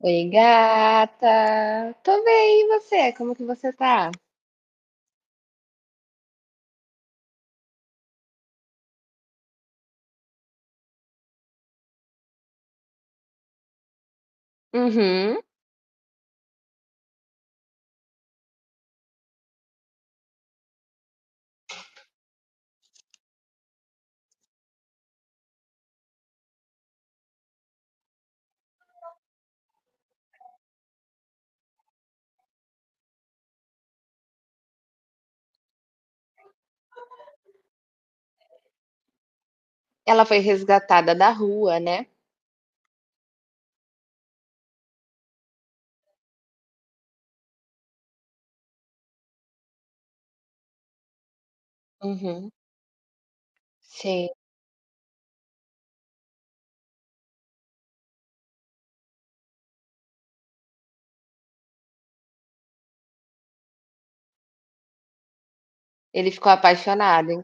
Oi, gata. Tô bem, e você? Como que você tá? Uhum. Ela foi resgatada da rua, né? Uhum. Sim. Ele ficou apaixonado, hein?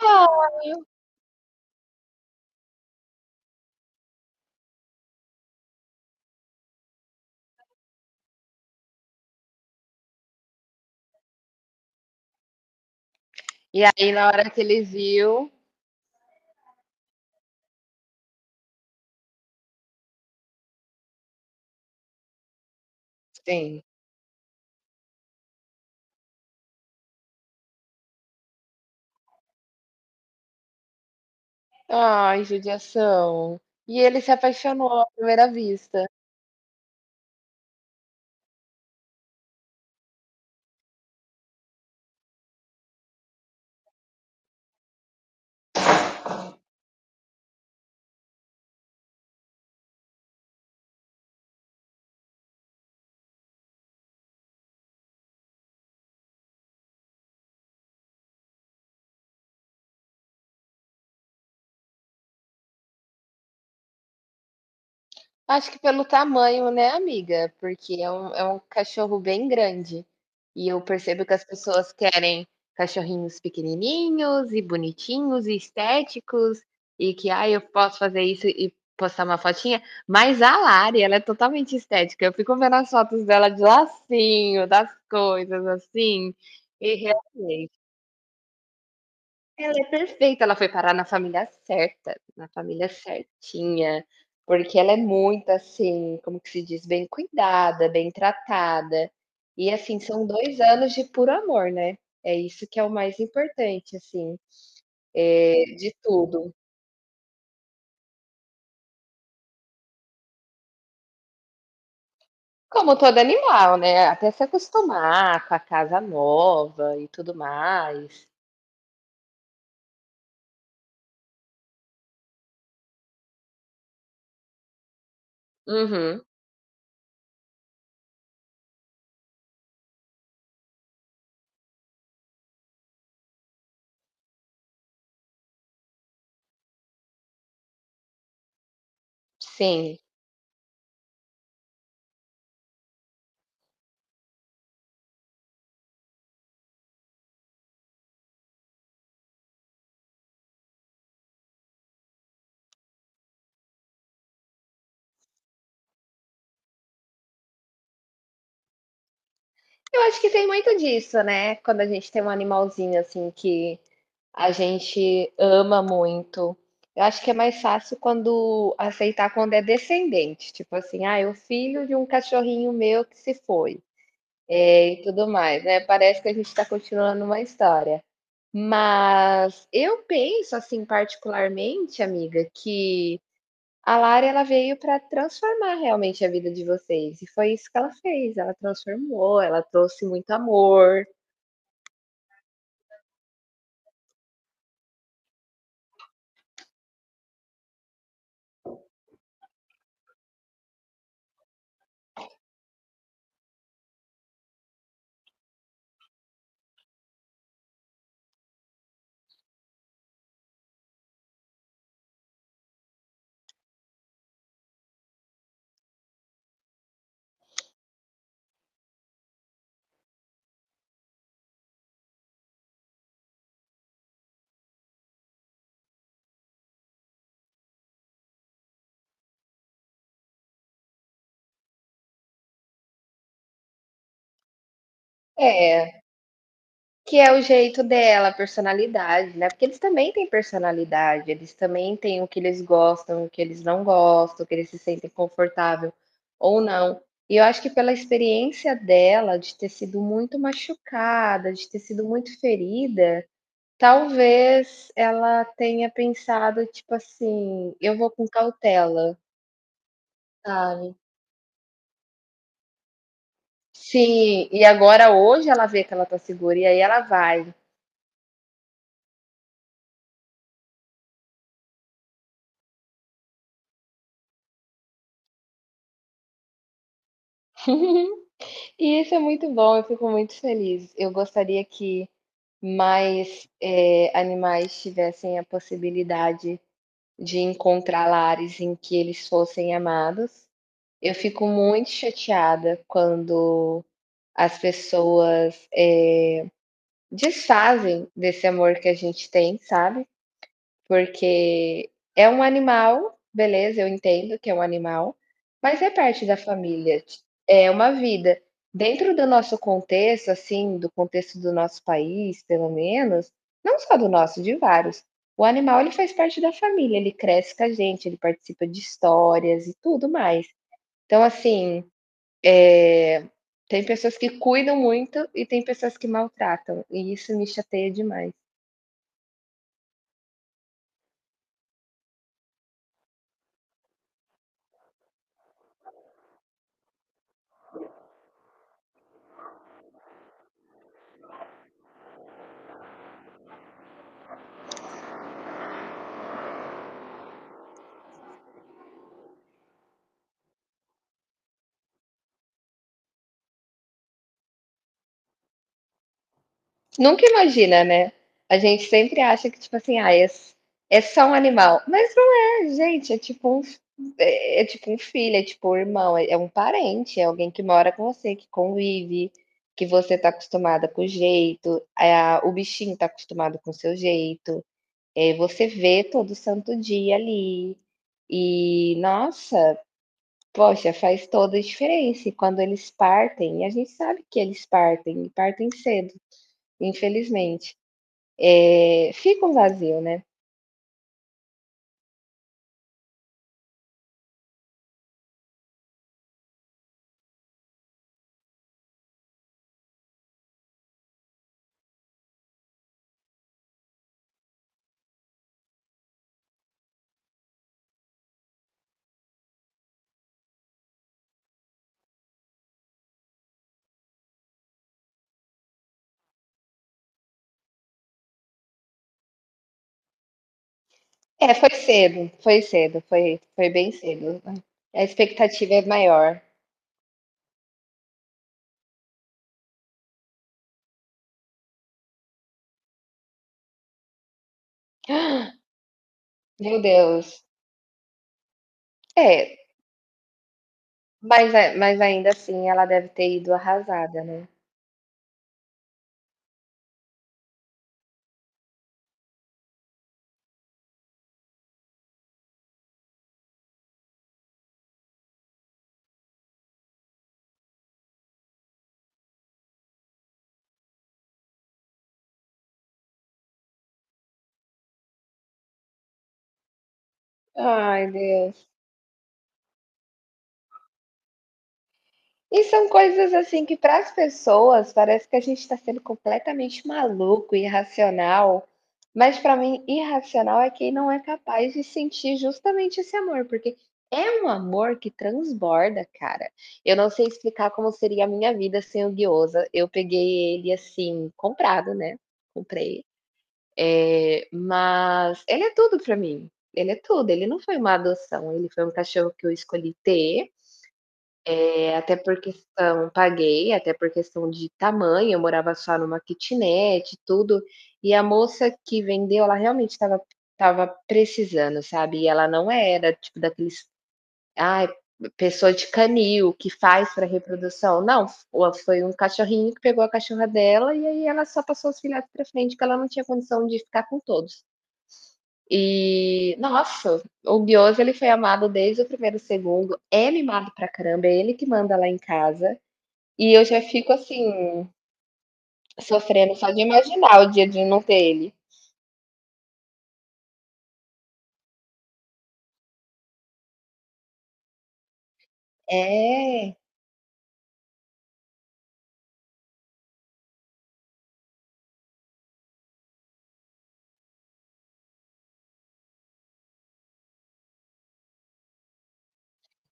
Ah. E aí, na hora que ele viu, sim. Ai, judiação. E ele se apaixonou à primeira vista. Acho que pelo tamanho, né, amiga? Porque é um cachorro bem grande. E eu percebo que as pessoas querem cachorrinhos pequenininhos e bonitinhos e estéticos e que, ah, eu posso fazer isso e postar uma fotinha. Mas a Lari, ela é totalmente estética. Eu fico vendo as fotos dela de lacinho, das coisas assim, e realmente. Ela é perfeita, ela foi parar na família certa, na família certinha, porque ela é muito assim, como que se diz, bem cuidada, bem tratada. E assim, são 2 anos de puro amor, né. É isso que é o mais importante, assim, de tudo. Como todo animal, né, até se acostumar com a casa nova e tudo mais. Uhum, sim. Eu acho que tem muito disso, né, quando a gente tem um animalzinho, assim, que a gente ama muito. Eu acho que é mais fácil quando aceitar quando é descendente, tipo assim, ah, é o filho de um cachorrinho meu que se foi, e tudo mais, né. Parece que a gente está continuando uma história. Mas eu penso, assim, particularmente, amiga, que a Lara ela veio para transformar realmente a vida de vocês, e foi isso que ela fez, ela transformou, ela trouxe muito amor. É. Que é o jeito dela, a personalidade, né, porque eles também têm personalidade, eles também têm o que eles gostam, o que eles não gostam, o que eles se sentem confortável ou não. E eu acho que pela experiência dela de ter sido muito machucada, de ter sido muito ferida, talvez ela tenha pensado, tipo assim: "Eu vou com cautela", sabe. Sim, e agora hoje ela vê que ela tá segura e aí ela vai. E isso é muito bom, eu fico muito feliz. Eu gostaria que mais, animais tivessem a possibilidade de encontrar lares em que eles fossem amados. Eu fico muito chateada quando as pessoas, desfazem desse amor que a gente tem, sabe? Porque é um animal, beleza, eu entendo que é um animal, mas é parte da família, ti é uma vida. Dentro do nosso contexto, assim, do contexto do nosso país, pelo menos, não só do nosso, de vários, o animal ele faz parte da família, ele cresce com a gente, ele participa de histórias e tudo mais. Então, assim, eh, tem pessoas que cuidam muito e tem pessoas que maltratam, e isso me chateia demais. Nunca imagina, né? A gente sempre acha que, tipo assim, ah, é só um animal. Mas não é, gente, é tipo um filho, é tipo um irmão, é um parente, é alguém que mora com você, que convive, que você tá acostumada com o jeito, o bichinho tá acostumado com o seu jeito, você vê todo santo dia ali. E, nossa, poxa, faz toda a diferença. E quando eles partem, e a gente sabe que eles partem, e partem cedo, infelizmente. É, fica um vazio, né? É, foi cedo, foi cedo, foi bem cedo. A expectativa é maior. Meu Deus. É, mas, mas ainda assim ela deve ter ido arrasada, né? Ai, Deus. E são coisas assim que para as pessoas parece que a gente está sendo completamente maluco, irracional, mas para mim irracional é quem não é capaz de sentir justamente esse amor, porque é um amor que transborda, cara. Eu não sei explicar como seria a minha vida sem o Guiosa. Eu peguei ele assim, comprado, né? Comprei. É, mas ele é tudo para mim. Ele é tudo. Ele não foi uma adoção, ele foi um cachorro que eu escolhi ter até por questão paguei, até por questão de tamanho, eu morava só numa kitnet e tudo, e a moça que vendeu, ela realmente estava precisando, sabe, e ela não era tipo daqueles, ai, pessoa de canil que faz para reprodução, não, o foi um cachorrinho que pegou a cachorra dela e aí ela só passou os filhotes para frente, porque ela não tinha condição de ficar com todos. E, nossa, o Guioso ele foi amado desde o primeiro segundo, é mimado pra caramba, é ele que manda lá em casa, e eu já fico assim, sofrendo só de imaginar o dia de não ter ele. É.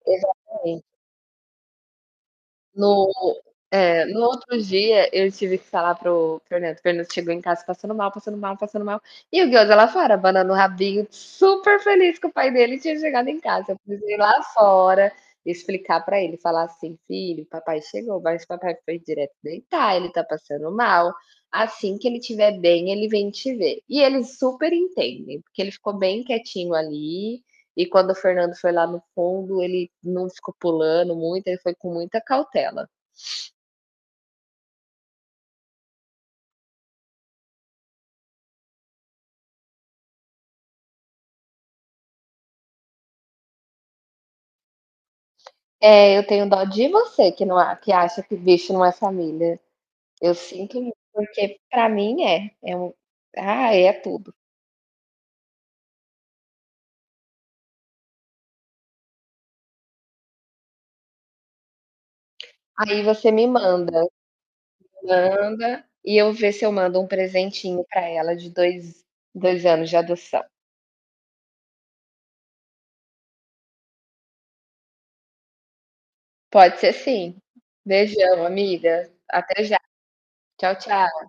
Exatamente. No no outro dia eu tive que falar para o Fernando, o Fernando chegou em casa passando mal, passando mal, passando mal, e o Ghost lá fora, abanando o rabinho, super feliz que o pai dele tinha chegado em casa. Eu precisei ir lá fora explicar para ele, falar assim: "Filho, papai chegou, mas papai foi direto deitar, ele tá passando mal, assim que ele estiver bem, ele vem te ver". E eles super entendem, porque ele ficou bem quietinho ali e quando o Fernando foi lá no fundo, ele não ficou pulando muito, ele foi com muita cautela. É, eu tenho dó de você que não a- que acha que bicho não é família. Eu sinto muito, porque pra mim é um, ah, é tudo. Aí você me manda, manda e eu ver se eu mando um presentinho pra ela de dois, dois anos de adoção. Pode ser sim. Beijão, amiga. Até já. Tchau, tchau.